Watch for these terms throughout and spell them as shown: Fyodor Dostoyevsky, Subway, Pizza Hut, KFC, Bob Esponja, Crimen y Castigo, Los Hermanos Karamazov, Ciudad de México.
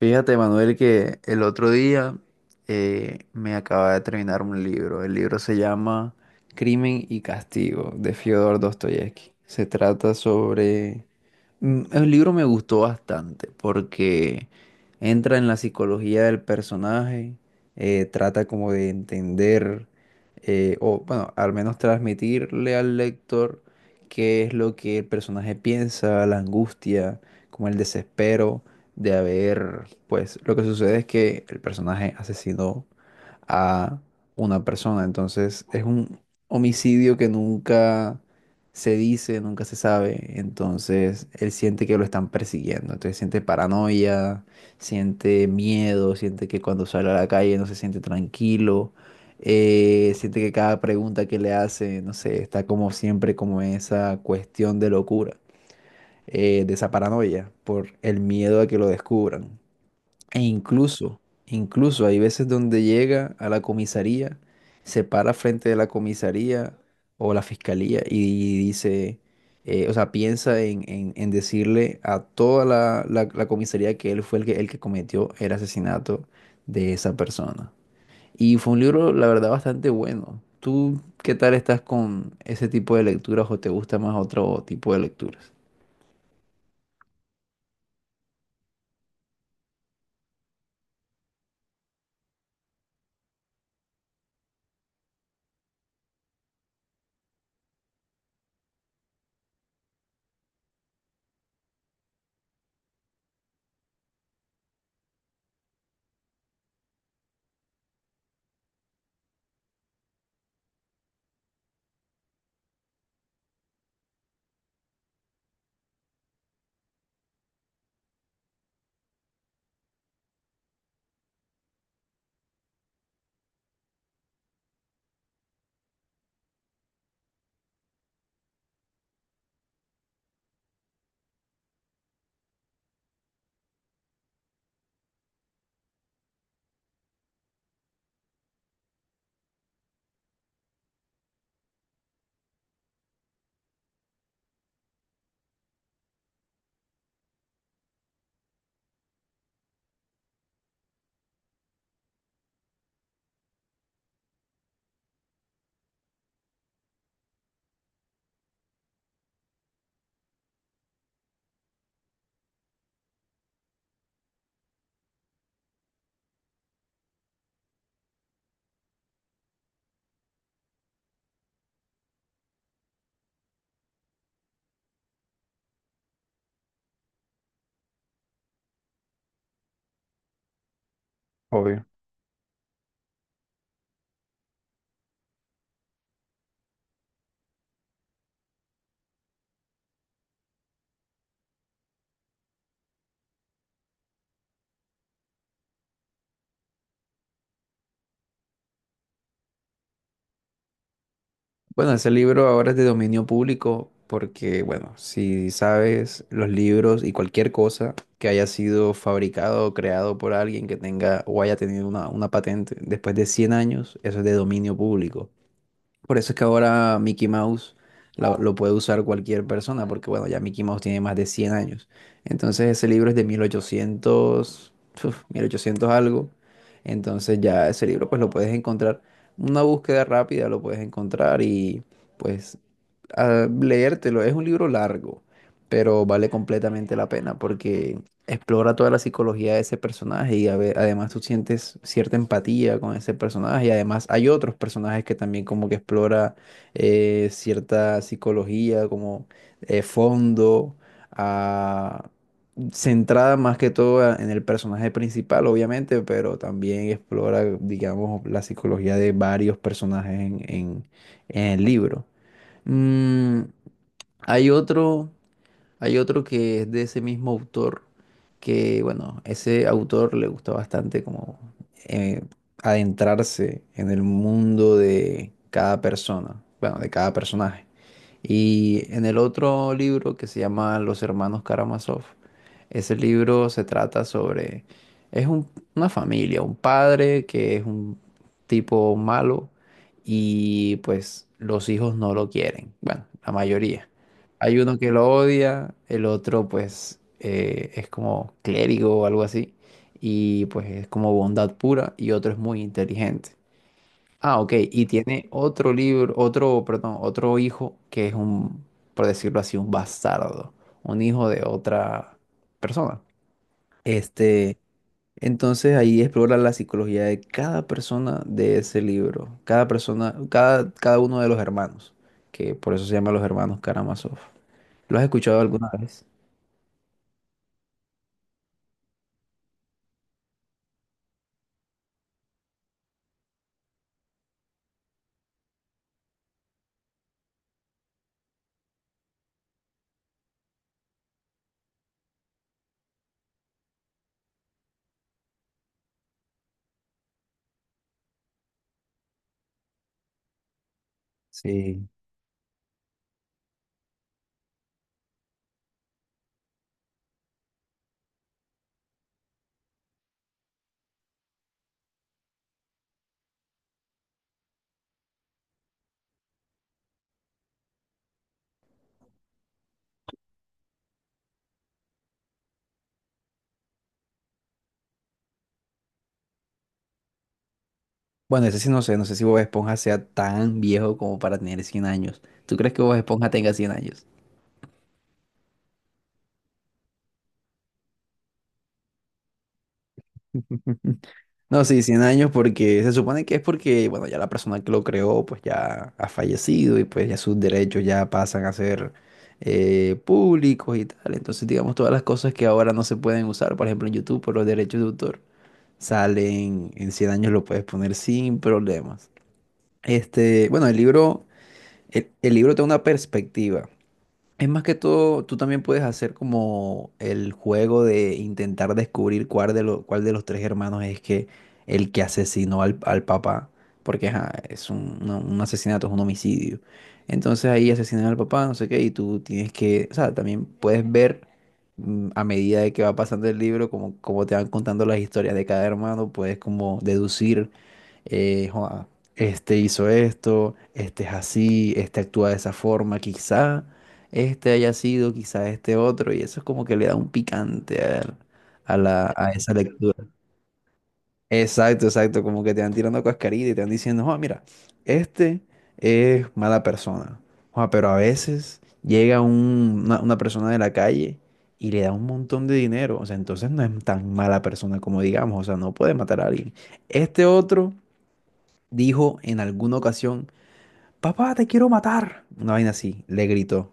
Fíjate, Manuel, que el otro día me acaba de terminar un libro. El libro se llama Crimen y Castigo de Fyodor Dostoyevsky. Se trata sobre. El libro me gustó bastante porque entra en la psicología del personaje, trata como de entender, o bueno, al menos transmitirle al lector qué es lo que el personaje piensa, la angustia, como el desespero de haber, pues lo que sucede es que el personaje asesinó a una persona. Entonces es un homicidio que nunca se dice, nunca se sabe. Entonces él siente que lo están persiguiendo, entonces siente paranoia, siente miedo, siente que cuando sale a la calle no se siente tranquilo. Siente que cada pregunta que le hace, no sé, está como siempre como esa cuestión de locura, de esa paranoia por el miedo a que lo descubran. E incluso, incluso hay veces donde llega a la comisaría, se para frente de la comisaría o la fiscalía y dice, o sea, piensa en, en decirle a toda la comisaría que él fue el que cometió el asesinato de esa persona. Y fue un libro, la verdad, bastante bueno. ¿Tú qué tal estás con ese tipo de lecturas o te gusta más otro tipo de lecturas? Obvio. Bueno, ese libro ahora es de dominio público porque, bueno, si sabes, los libros y cualquier cosa que haya sido fabricado o creado por alguien que tenga o haya tenido una patente después de 100 años, eso es de dominio público. Por eso es que ahora Mickey Mouse lo puede usar cualquier persona, porque bueno, ya Mickey Mouse tiene más de 100 años. Entonces ese libro es de 1800, uf, 1800 algo. Entonces ya ese libro pues lo puedes encontrar, una búsqueda rápida lo puedes encontrar y pues a leértelo. Es un libro largo, pero vale completamente la pena porque explora toda la psicología de ese personaje y además tú sientes cierta empatía con ese personaje, y además hay otros personajes que también como que explora, cierta psicología como, fondo, ah, centrada más que todo en el personaje principal, obviamente, pero también explora, digamos, la psicología de varios personajes en en el libro. Mm, hay otro, hay otro que es de ese mismo autor, que bueno, ese autor le gusta bastante como, eh, adentrarse en el mundo de cada persona, bueno, de cada personaje. Y en el otro libro que se llama Los Hermanos Karamazov, ese libro se trata sobre, es un- una familia, un padre que es un tipo malo y pues los hijos no lo quieren, bueno, la mayoría. Hay uno que lo odia, el otro pues, es como clérigo o algo así, y pues es como bondad pura, y otro es muy inteligente. Ah, ok. Y tiene otro libro, otro, perdón, otro hijo que es un, por decirlo así, un bastardo, un hijo de otra persona. Este, entonces ahí explora la psicología de cada persona de ese libro, cada persona, cada uno de los hermanos, que por eso se llama Los Hermanos Karamazov. ¿Lo has escuchado alguna vez? Sí. Bueno, ese sí no sé, si Bob Esponja sea tan viejo como para tener 100 años. ¿Tú crees que Bob Esponja tenga 100 años? No, sí, 100 años porque se supone que es porque, bueno, ya la persona que lo creó pues ya ha fallecido y pues ya sus derechos ya pasan a ser, públicos y tal. Entonces, digamos, todas las cosas que ahora no se pueden usar, por ejemplo, en YouTube por los derechos de autor, salen en 100 años lo puedes poner sin problemas. Este, bueno, el libro, el libro te da una perspectiva. Es más que todo, tú también puedes hacer como el juego de intentar descubrir cuál de los tres hermanos es que el que asesinó al papá, porque ajá, es un asesinato, es un homicidio. Entonces ahí asesinan al papá, no sé qué, y tú tienes que, o sea, también puedes ver, a medida de que va pasando el libro, como te van contando las historias de cada hermano, puedes como deducir, "Joa, este hizo esto, este es así, este actúa de esa forma, quizá este haya sido, quizá este otro", y eso es como que le da un picante a esa lectura. Exacto, exacto, como que te van tirando cascarita y te van diciendo, oh, mira, este es mala persona. Joa, pero a veces llega una persona de la calle y le da un montón de dinero, o sea, entonces no es tan mala persona como digamos, o sea, no puede matar a alguien. Este otro dijo en alguna ocasión, papá, te quiero matar. Una vaina así, le gritó.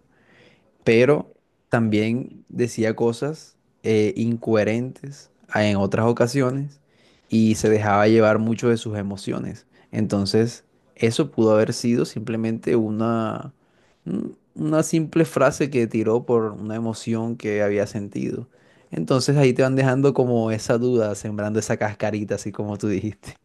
Pero también decía cosas, incoherentes en otras ocasiones y se dejaba llevar mucho de sus emociones. Entonces, eso pudo haber sido simplemente una simple frase que tiró por una emoción que había sentido. Entonces ahí te van dejando como esa duda, sembrando esa cascarita, así como tú dijiste.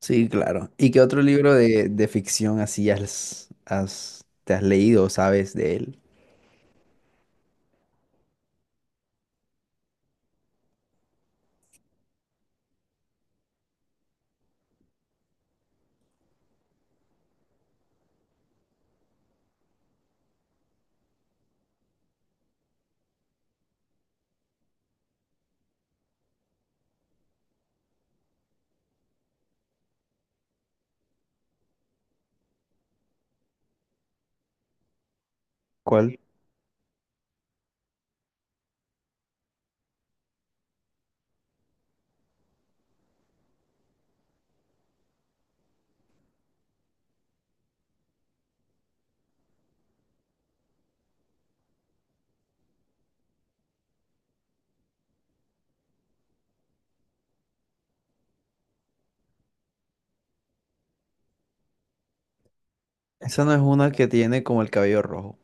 Sí, claro. ¿Y qué otro libro de ficción así has, te has leído, sabes de él? ¿Cuál? Esa no es una que tiene como el cabello rojo.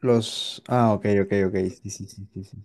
Los. Ah, ok, ok, ok. Sí, sí, sí, sí, sí.